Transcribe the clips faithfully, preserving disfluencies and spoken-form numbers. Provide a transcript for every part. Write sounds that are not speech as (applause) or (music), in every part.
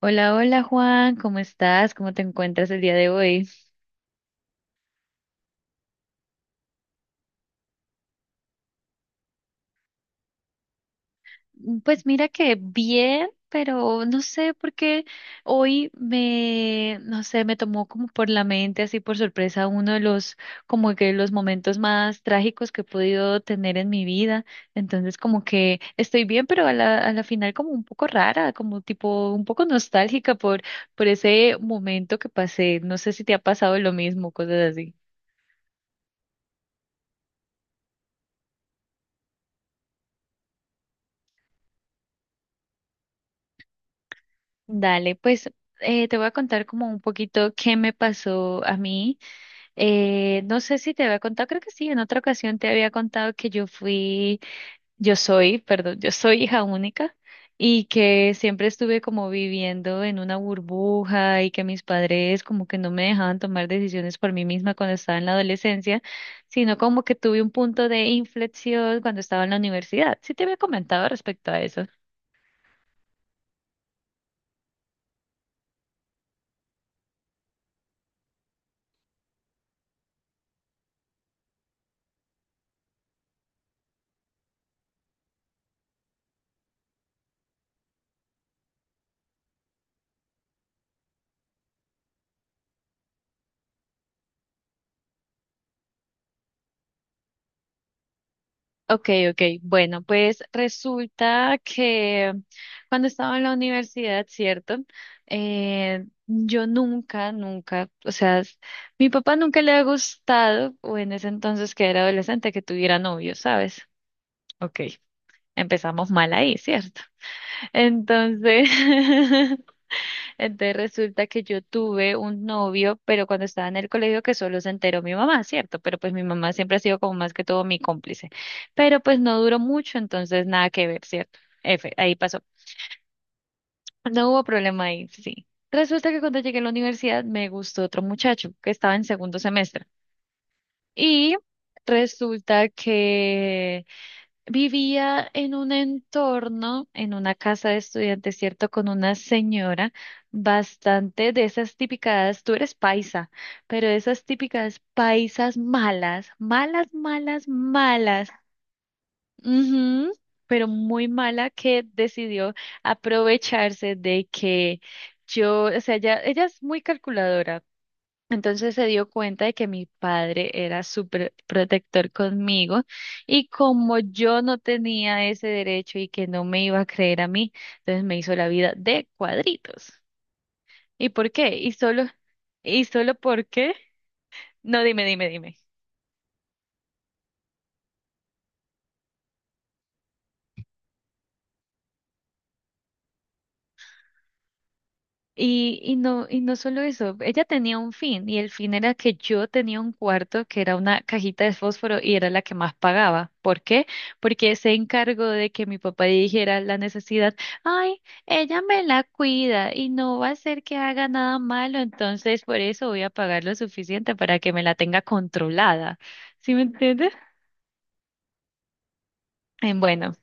Hola, hola Juan, ¿cómo estás? ¿Cómo te encuentras el día de hoy? Mm, Pues mira que bien, pero no sé por qué hoy me, no sé, me tomó como por la mente, así por sorpresa, uno de los, como que los momentos más trágicos que he podido tener en mi vida. Entonces como que estoy bien, pero a la, a la final como un poco rara, como tipo un poco nostálgica por, por ese momento que pasé. No sé si te ha pasado lo mismo, cosas así. Dale, pues eh, te voy a contar como un poquito qué me pasó a mí. Eh, no sé si te había contado, creo que sí, en otra ocasión te había contado que yo fui, yo soy, perdón, yo soy hija única y que siempre estuve como viviendo en una burbuja y que mis padres como que no me dejaban tomar decisiones por mí misma cuando estaba en la adolescencia, sino como que tuve un punto de inflexión cuando estaba en la universidad. Sí te había comentado respecto a eso. Ok, ok. Bueno, pues resulta que cuando estaba en la universidad, ¿cierto? Eh, yo nunca, nunca, o sea, s- Mi papá nunca le ha gustado, o en ese entonces que era adolescente, que tuviera novio, ¿sabes? Ok, empezamos mal ahí, ¿cierto? Entonces, (laughs) entonces resulta que yo tuve un novio, pero cuando estaba en el colegio que solo se enteró mi mamá, ¿cierto? Pero pues mi mamá siempre ha sido como más que todo mi cómplice. Pero pues no duró mucho, entonces nada que ver, ¿cierto? F, ahí pasó. No hubo problema ahí, sí. Resulta que cuando llegué a la universidad me gustó otro muchacho que estaba en segundo semestre. Y resulta que vivía en un entorno, en una casa de estudiantes, ¿cierto? Con una señora bastante de esas típicas, tú eres paisa, pero de esas típicas paisas malas, malas, malas, malas, ujú, pero muy mala que decidió aprovecharse de que yo, o sea, ella, ella es muy calculadora. Entonces se dio cuenta de que mi padre era súper protector conmigo y como yo no tenía ese derecho y que no me iba a creer a mí, entonces me hizo la vida de cuadritos. ¿Y por qué? ¿Y solo, y solo por qué? No, dime, dime, dime. Y, y no, y no solo eso, ella tenía un fin, y el fin era que yo tenía un cuarto que era una cajita de fósforo y era la que más pagaba. ¿Por qué? Porque se encargó de que mi papá dijera la necesidad, ay, ella me la cuida y no va a hacer que haga nada malo, entonces por eso voy a pagar lo suficiente para que me la tenga controlada. ¿Sí me entiendes? Eh, Bueno.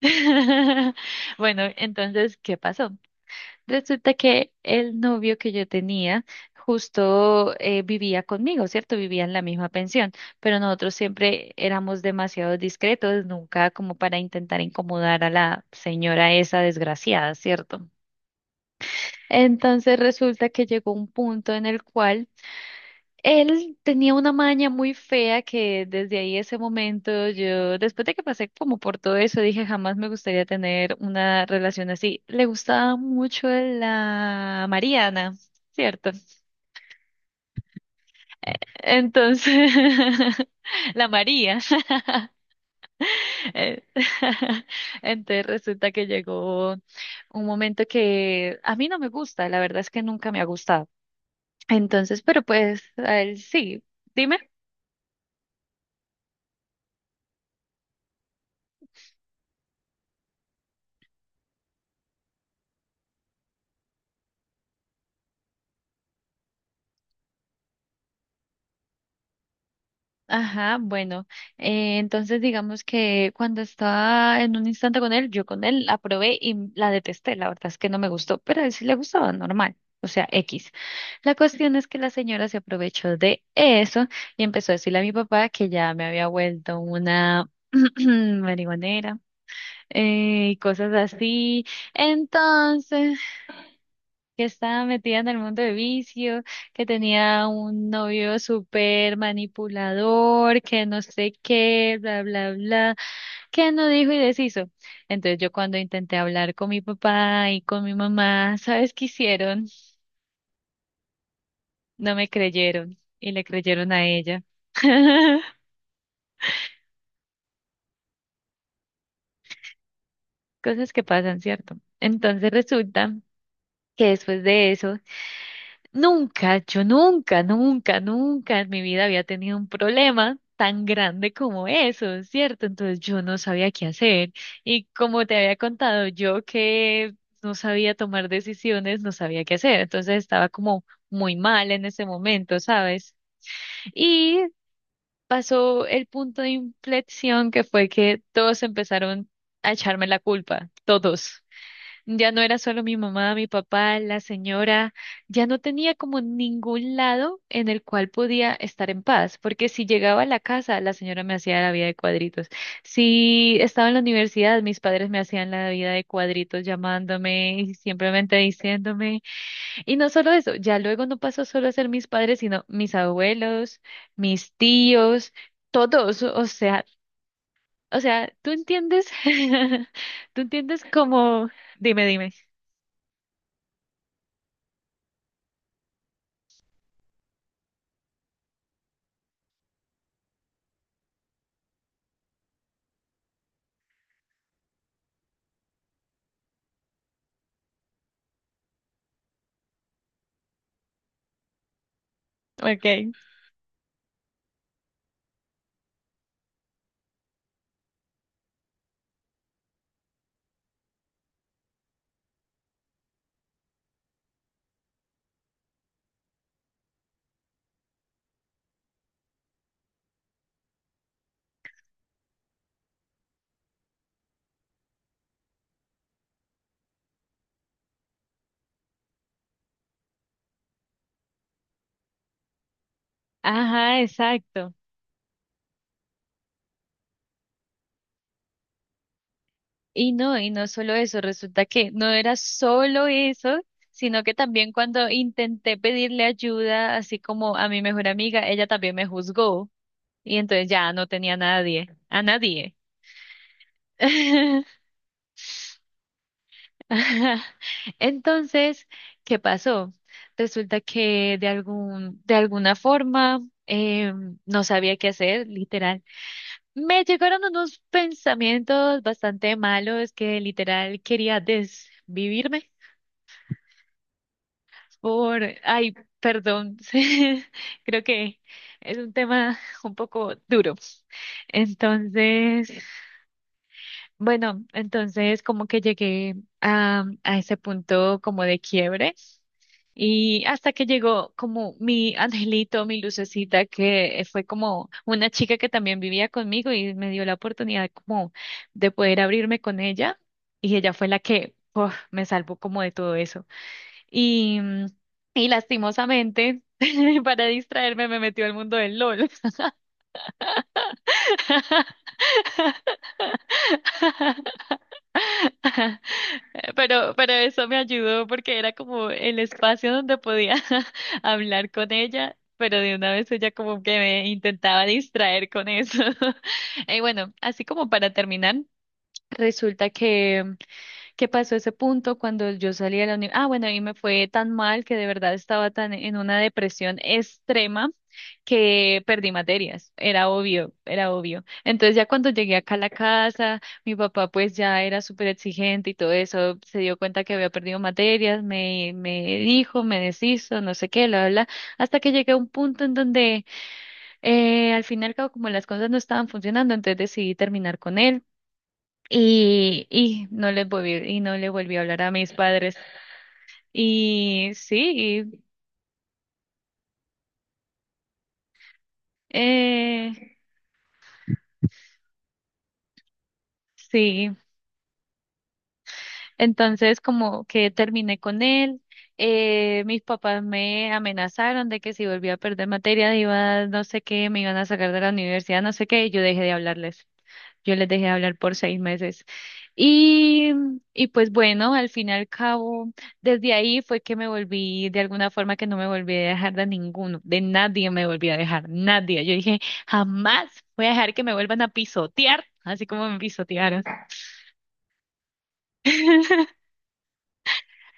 (laughs) Bueno, entonces, ¿qué pasó? Resulta que el novio que yo tenía justo eh, vivía conmigo, ¿cierto? Vivía en la misma pensión, pero nosotros siempre éramos demasiado discretos, nunca como para intentar incomodar a la señora esa desgraciada, ¿cierto? Entonces resulta que llegó un punto en el cual él tenía una maña muy fea que desde ahí ese momento yo, después de que pasé como por todo eso, dije jamás me gustaría tener una relación así. Le gustaba mucho la Mariana, ¿cierto? Entonces, (laughs) la María. (laughs) Eh, (laughs) entonces resulta que llegó un momento que a mí no me gusta, la verdad es que nunca me ha gustado. Entonces, pero pues a él sí. Dime. Ajá, bueno, eh, entonces digamos que cuando estaba en un instante con él, yo con él la probé y la detesté, la verdad es que no me gustó, pero a él sí le gustaba, normal, o sea, X. La cuestión es que la señora se aprovechó de eso y empezó a decirle a mi papá que ya me había vuelto una (clears throat) marihuanera eh, y cosas así. Entonces, que estaba metida en el mundo de vicio, que tenía un novio súper manipulador, que no sé qué, bla, bla, bla, que no dijo y deshizo. Entonces yo cuando intenté hablar con mi papá y con mi mamá, ¿sabes qué hicieron? No me creyeron y le creyeron a ella. (laughs) Cosas que pasan, ¿cierto? Entonces resulta que después de eso nunca, yo nunca, nunca, nunca en mi vida había tenido un problema tan grande como eso, ¿cierto? Entonces yo no sabía qué hacer. Y como te había contado, yo que no sabía tomar decisiones, no sabía qué hacer. Entonces estaba como muy mal en ese momento, ¿sabes? Y pasó el punto de inflexión que fue que todos empezaron a echarme la culpa, todos. Ya no era solo mi mamá, mi papá, la señora, ya no tenía como ningún lado en el cual podía estar en paz, porque si llegaba a la casa, la señora me hacía la vida de cuadritos. Si estaba en la universidad, mis padres me hacían la vida de cuadritos llamándome y simplemente diciéndome. Y no solo eso, ya luego no pasó solo a ser mis padres, sino mis abuelos, mis tíos, todos, o sea, o sea, ¿tú entiendes? (laughs) ¿Tú entiendes cómo? Dime, dime. Ok. Ajá, exacto. Y no, y no solo eso, resulta que no era solo eso, sino que también cuando intenté pedirle ayuda, así como a mi mejor amiga, ella también me juzgó y entonces ya no tenía a nadie, a nadie. (laughs) Ajá. Entonces, ¿qué pasó? Resulta que de algún, de alguna forma em, no sabía qué hacer. Me llegaron unos pensamientos bastante malos que literal quería desvivirme por. Ay, perdón. (laughs) Creo que es un tema (laughs) un poco duro. Entonces, bueno, entonces como que llegué a, a ese punto como de quiebre. Y hasta que llegó como mi (laughs) angelito, mi lucecita, que fue como una chica que también vivía conmigo y me dio la oportunidad como de poder abrirme con ella. Y ella fue la que uf, me salvó como de todo eso. Y, mm, y lastimosamente, (laughs) para distraerme, me metió al mundo del lol. (laughs) Eh, Pero, pero eso me ayudó porque era como el espacio donde podía (laughs) hablar con ella, pero de una vez ella como que me intentaba distraer con eso. (laughs) Y bueno, así como para terminar, resulta que qué pasó ese punto cuando yo salí de la universidad. Ah, bueno, a mí me fue tan mal que de verdad estaba tan en una depresión extrema que perdí materias. Era obvio, era obvio. Entonces ya cuando llegué acá a la casa, mi papá pues ya era súper exigente y todo eso, se dio cuenta que había perdido materias, me, me dijo, me deshizo, no sé qué, bla, bla, bla, hasta que llegué a un punto en donde eh, al final como las cosas no estaban funcionando, entonces decidí terminar con él. Y, y no les volví, y no le volví a hablar a mis padres. Y sí, y, eh, sí. Entonces como que terminé con él. Eh, mis papás me amenazaron de que si volvía a perder materia iba, no sé qué, me iban a sacar de la universidad, no sé qué, y yo dejé de hablarles. Yo les dejé de hablar por seis meses. Y, y pues bueno, al fin y al cabo, desde ahí fue que me volví, de alguna forma que no me volví a dejar de ninguno, de nadie me volví a dejar, nadie. Yo dije, jamás voy a dejar que me vuelvan a pisotear, así como me pisotearon. (laughs)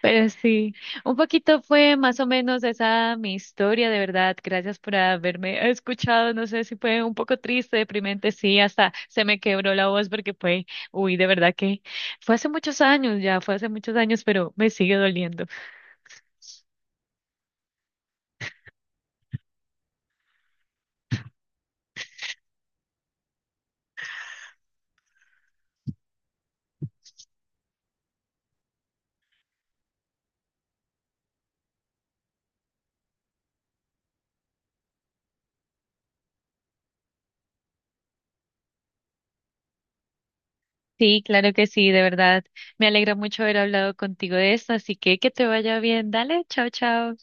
Pero sí, un poquito fue más o menos esa mi historia, de verdad. Gracias por haberme escuchado. No sé si fue un poco triste, deprimente, sí, hasta se me quebró la voz porque fue, uy, de verdad que fue hace muchos años ya, fue hace muchos años, pero me sigue doliendo. Sí, claro que sí, de verdad. Me alegra mucho haber hablado contigo de esto, así que que te vaya bien. Dale, chao, chao.